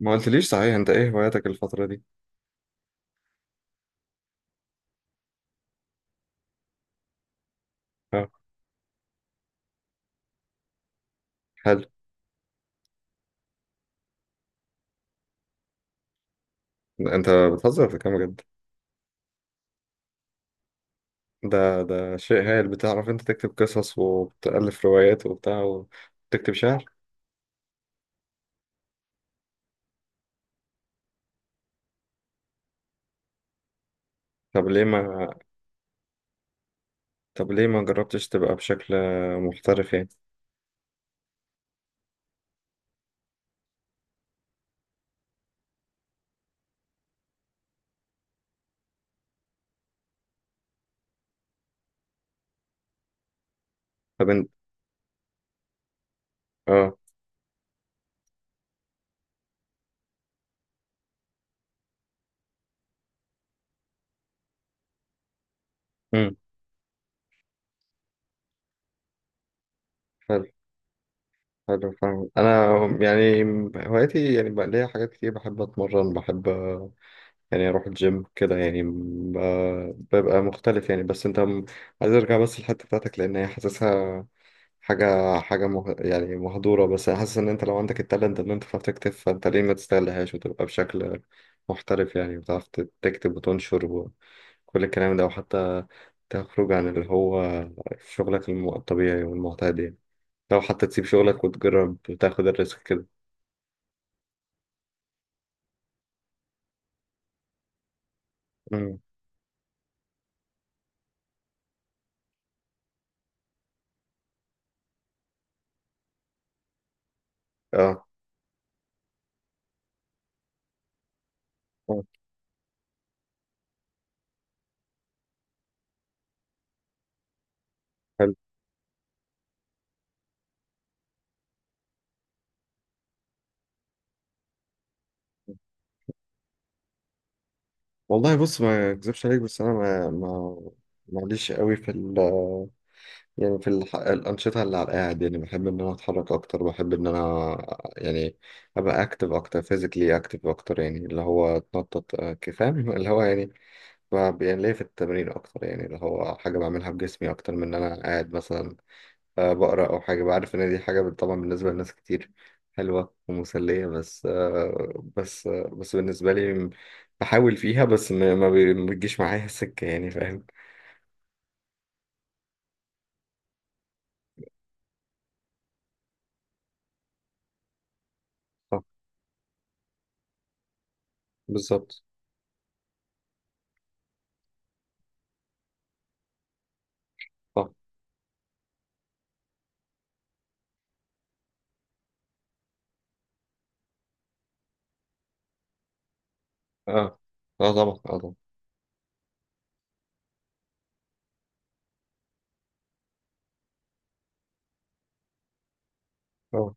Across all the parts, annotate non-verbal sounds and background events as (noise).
ما قلتليش صحيح، انت ايه هواياتك الفترة دي؟ اه. حلو. انت بتهزر في كام بجد؟ ده شيء هايل، بتعرف انت تكتب قصص وبتألف روايات وبتاع وتكتب شعر؟ طب ليه ما طب ليه ما جربتش تبقى بشكل محترف يعني؟ طب انت. اه. امم حلو. حلو، فاهم انا يعني. هواياتي يعني بقى ليا حاجات كتير، بحب اتمرن، بحب يعني اروح الجيم كده يعني، ببقى مختلف يعني. بس انت، عايز ارجع بس الحتة بتاعتك لان هي حاسسها حاجة يعني مهدورة، بس أنا حاسس إن أنت لو عندك التالنت إن أنت تعرف تكتب، فأنت ليه ما تستغلهاش وتبقى بشكل محترف يعني، وتعرف تكتب وتنشر وكل الكلام ده، وحتى تخرج عن اللي هو شغلك الطبيعي والمعتاد يعني، لو حتى تسيب شغلك وتجرب وتاخد الريسك كده. امم. اه. آه، حلو. والله بص، ما أكذبش عليك، بس أنا ما معليش قوي في يعني في الأنشطة اللي على القاعد، يعني بحب إن أنا أتحرك أكتر، بحب إن أنا يعني أبقى أكتف أكتر، فيزيكلي أكتف أكتر، يعني اللي هو أتنطط، فاهم، (laughs) اللي هو يعني يعني ليا في التمرين أكتر يعني، اللي هو حاجة بعملها بجسمي أكتر من إن أنا قاعد مثلا بقرأ أو حاجة، بعرف إن دي حاجة طبعا بالنسبة لناس كتير حلوة ومسلية، بس بالنسبة لي، بحاول فيها، بس ما بتجيش معايا السكة يعني، فاهم. آه، بالظبط. آه. آه. اه طبعا، اه طبعا. اه.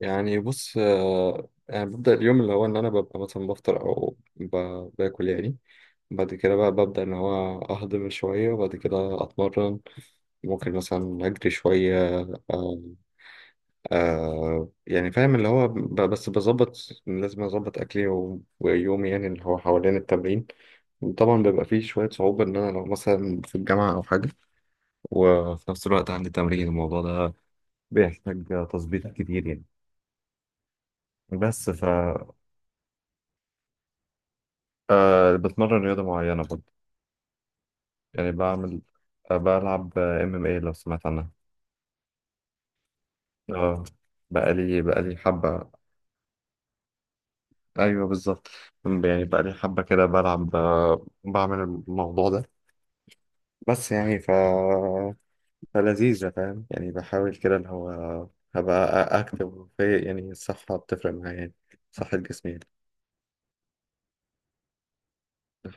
يعني بص، يعني ببدأ اليوم اللي هو إن أنا ببقى مثلا بفطر أو باكل يعني، بعد كده بقى ببدأ إن هو أهضم شوية، وبعد كده أتمرن، ممكن مثلا أجري شوية. آه. آه، يعني فاهم اللي هو بس بظبط، لازم أظبط أكلي و... ويومي يعني اللي هو حوالين التمرين. طبعا بيبقى فيه شوية صعوبة، إن أنا لو مثلا في الجامعة أو حاجة، وفي نفس الوقت عندي تمرين، الموضوع ده بيحتاج تظبيط كتير يعني، بس ف أه، بتمرن رياضة معينة برضه، يعني بعمل أه بلعب MMA، لو سمعت عنها. اه. بقالي حبة. ايوه بالظبط، يعني بقالي حبة كده بلعب، أه بعمل الموضوع ده، بس يعني ف فلذيذة فاهم، يعني بحاول كده اللي هو هبقى اكتب في يعني الصحة بتفرق معايا يعني، صحة جسمي يعني.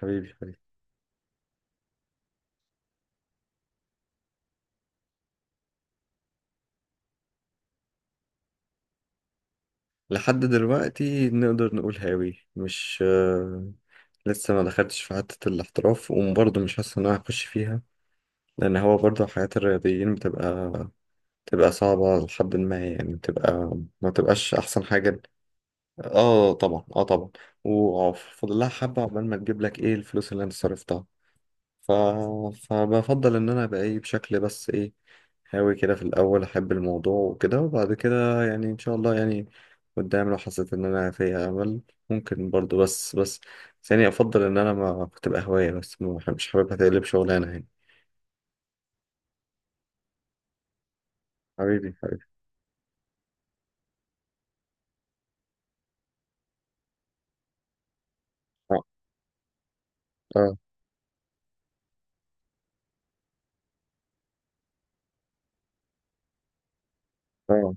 حبيبي، حبيبي. لحد دلوقتي نقدر نقول هاوي، مش لسه ما دخلتش في حتة الاحتراف، وبرضه مش حاسس إن أنا هخش فيها، لأن هو برضه حياة الرياضيين بتبقى صعبة، لحد ما يعني بتبقى ما تبقاش أحسن حاجة. آه طبعا، آه طبعا. وفضلها حبة عقبال ما تجيب لك إيه الفلوس اللي أنت صرفتها، ف... فبفضل ان انا ابقى ايه، بشكل بس ايه، هاوي كده في الاول، احب الموضوع وكده، وبعد كده يعني ان شاء الله يعني قدام، لو حسيت ان انا فيها امل ممكن برضو، بس بس بس يعني افضل ان انا ما تبقى هواية، بس ما بحب- مش حاببها تقلب شغلانة يعني. حبيبي، حبيبي. اه. اه. اه.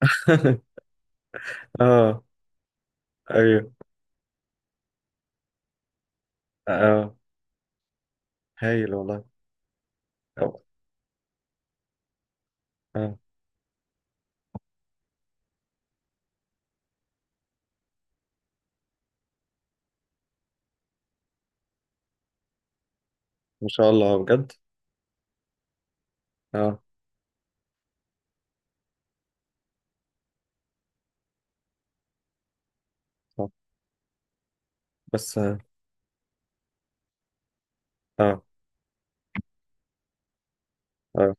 (laughs) اه. ايوه. اه. آه. هايل والله. اه. اه. ما شاء الله، آه، بجد. اه. صح، بس اه. اه. آه،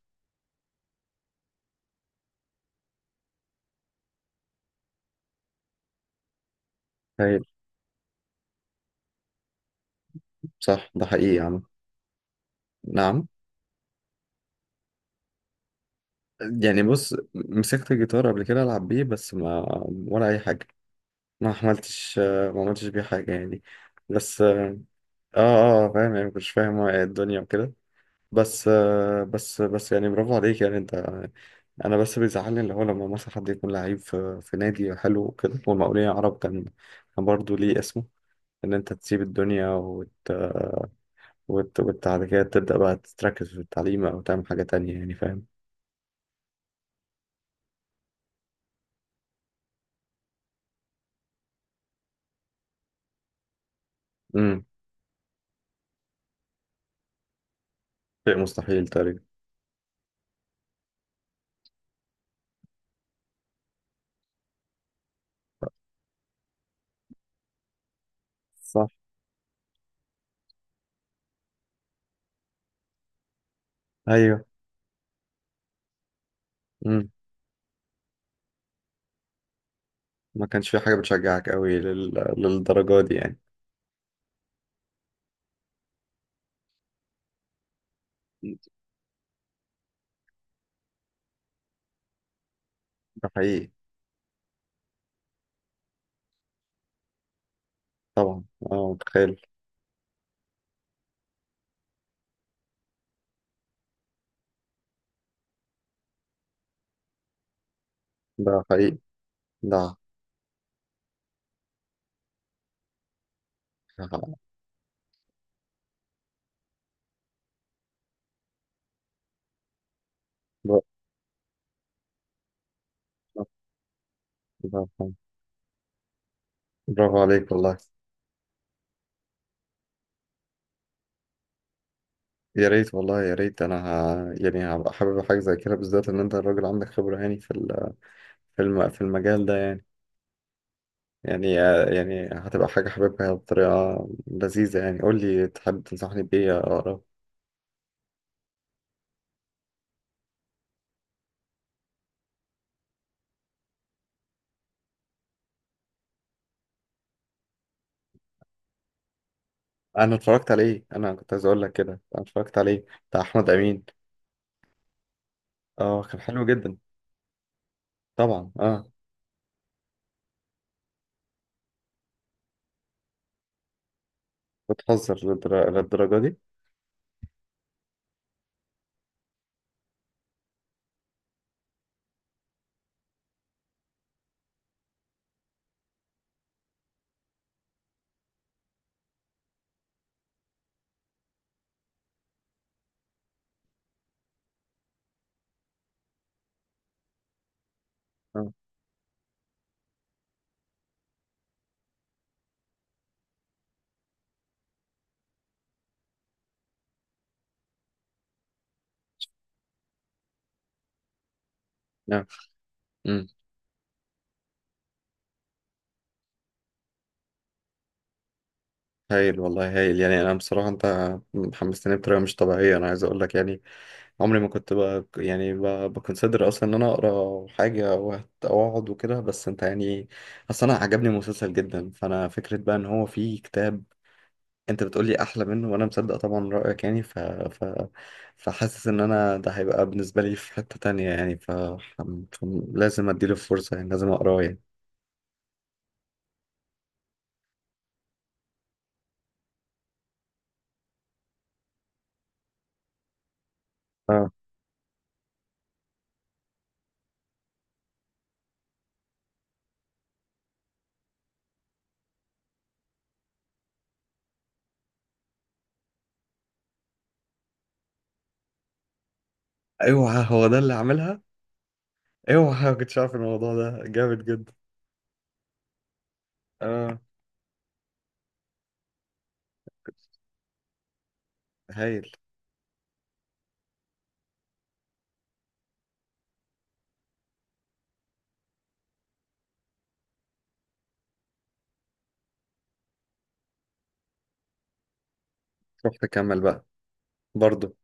هايل. صح، ده حقيقي يا عم. نعم. يعني بص، مسكت الجيتار قبل كده، العب بيه بس ما ولا اي حاجه، ما عملتش ما عملتش بيه حاجه يعني. بس اه. اه فاهم يعني، مش فاهم الدنيا وكده، بس آه بس بس يعني برافو عليك يعني انت. انا بس بيزعلني اللي هو لما مثلا حد يكون لعيب في نادي حلو وكده، والمقاولين العرب كان، كان برضه ليه اسمه، ان انت تسيب الدنيا بعد كده تبدا بقى تركز في التعليم او تعمل حاجه تانية يعني، فاهم. امم. شيء مستحيل تقريبا. صح. ايوه. مم. ما كانش في حاجة بتشجعك قوي للدرجة دي يعني. ده حقيقي. طبعا. اه متخيل. ده حقيقي. ده. برافو. برافو. برافو عليك والله. يا ريت والله، يا ريت انا يعني هبقى حابب حاجة زي كده، بالذات ان انت الراجل عندك خبرة يعني في في المجال ده يعني، يعني، يعني هتبقى حاجة حاببها بطريقة لذيذة يعني. قول لي تحب تنصحني بإيه أقرأ. أنا اتفرجت عليه، أنا كنت عايز أقول لك كده، أنا اتفرجت عليه بتاع أحمد أمين. أه كان حلو جدا. طبعا، اه. بتهزر للدرجة دي. اه. نعم. امم. هايل والله، هايل، يعني انا بصراحة انت حمستني بطريقة مش طبيعية، انا عايز اقول لك يعني عمري ما كنت بقى يعني بكونسيدر اصلا ان انا اقرا حاجة او اقعد وكده، بس انت يعني اصلا انا عجبني المسلسل جدا، فانا فكرة بقى ان هو فيه كتاب انت بتقولي احلى منه، وانا مصدق طبعا رأيك يعني، فحاسس ان انا ده هيبقى بالنسبة لي في حتة تانية يعني، لازم اديله فرصة يعني، لازم اقراه يعني. اوعى هو ده اللي عاملها. اوعى (laughs) ما كنتش عارف الموضوع ده جامد جدا. اه. هايل. روح تكمل بقى برضو.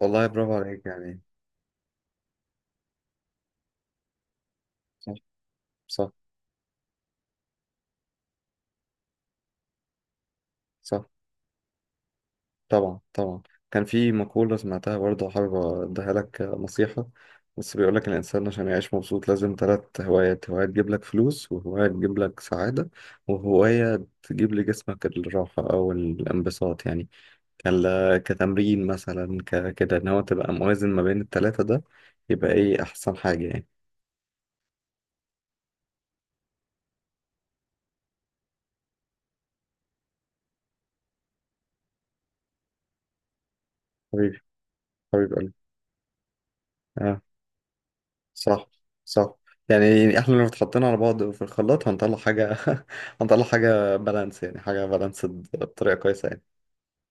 والله برافو عليك يعني. صح. صح. صح. طبعا طبعا. كان في مقولة سمعتها برضو، حابب اديها لك نصيحة، بس بيقول لك الإنسان عشان يعيش مبسوط لازم 3 هوايات، هواية تجيب لك فلوس، وهواية تجيب لك سعادة، وهواية تجيب لجسمك الراحة أو الانبساط يعني، كتمرين مثلا كده، ان هو تبقى موازن ما بين التلاتة ده، يبقى ايه احسن حاجة يعني. حبيبي، حبيب قلبي. اه. صح. صح. يعني احنا لو اتحطينا على بعض في الخلاط هنطلع حاجة، (laughs) هنطلع حاجة بالانس يعني، حاجة بالانس بطريقة كويسة يعني.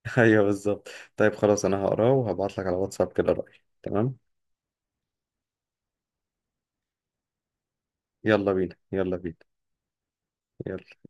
(laughs) ايوه بالظبط. طيب خلاص، انا هقراه وهبعت لك على واتساب كده رأيي. تمام. يلا بينا، يلا بينا. يلا.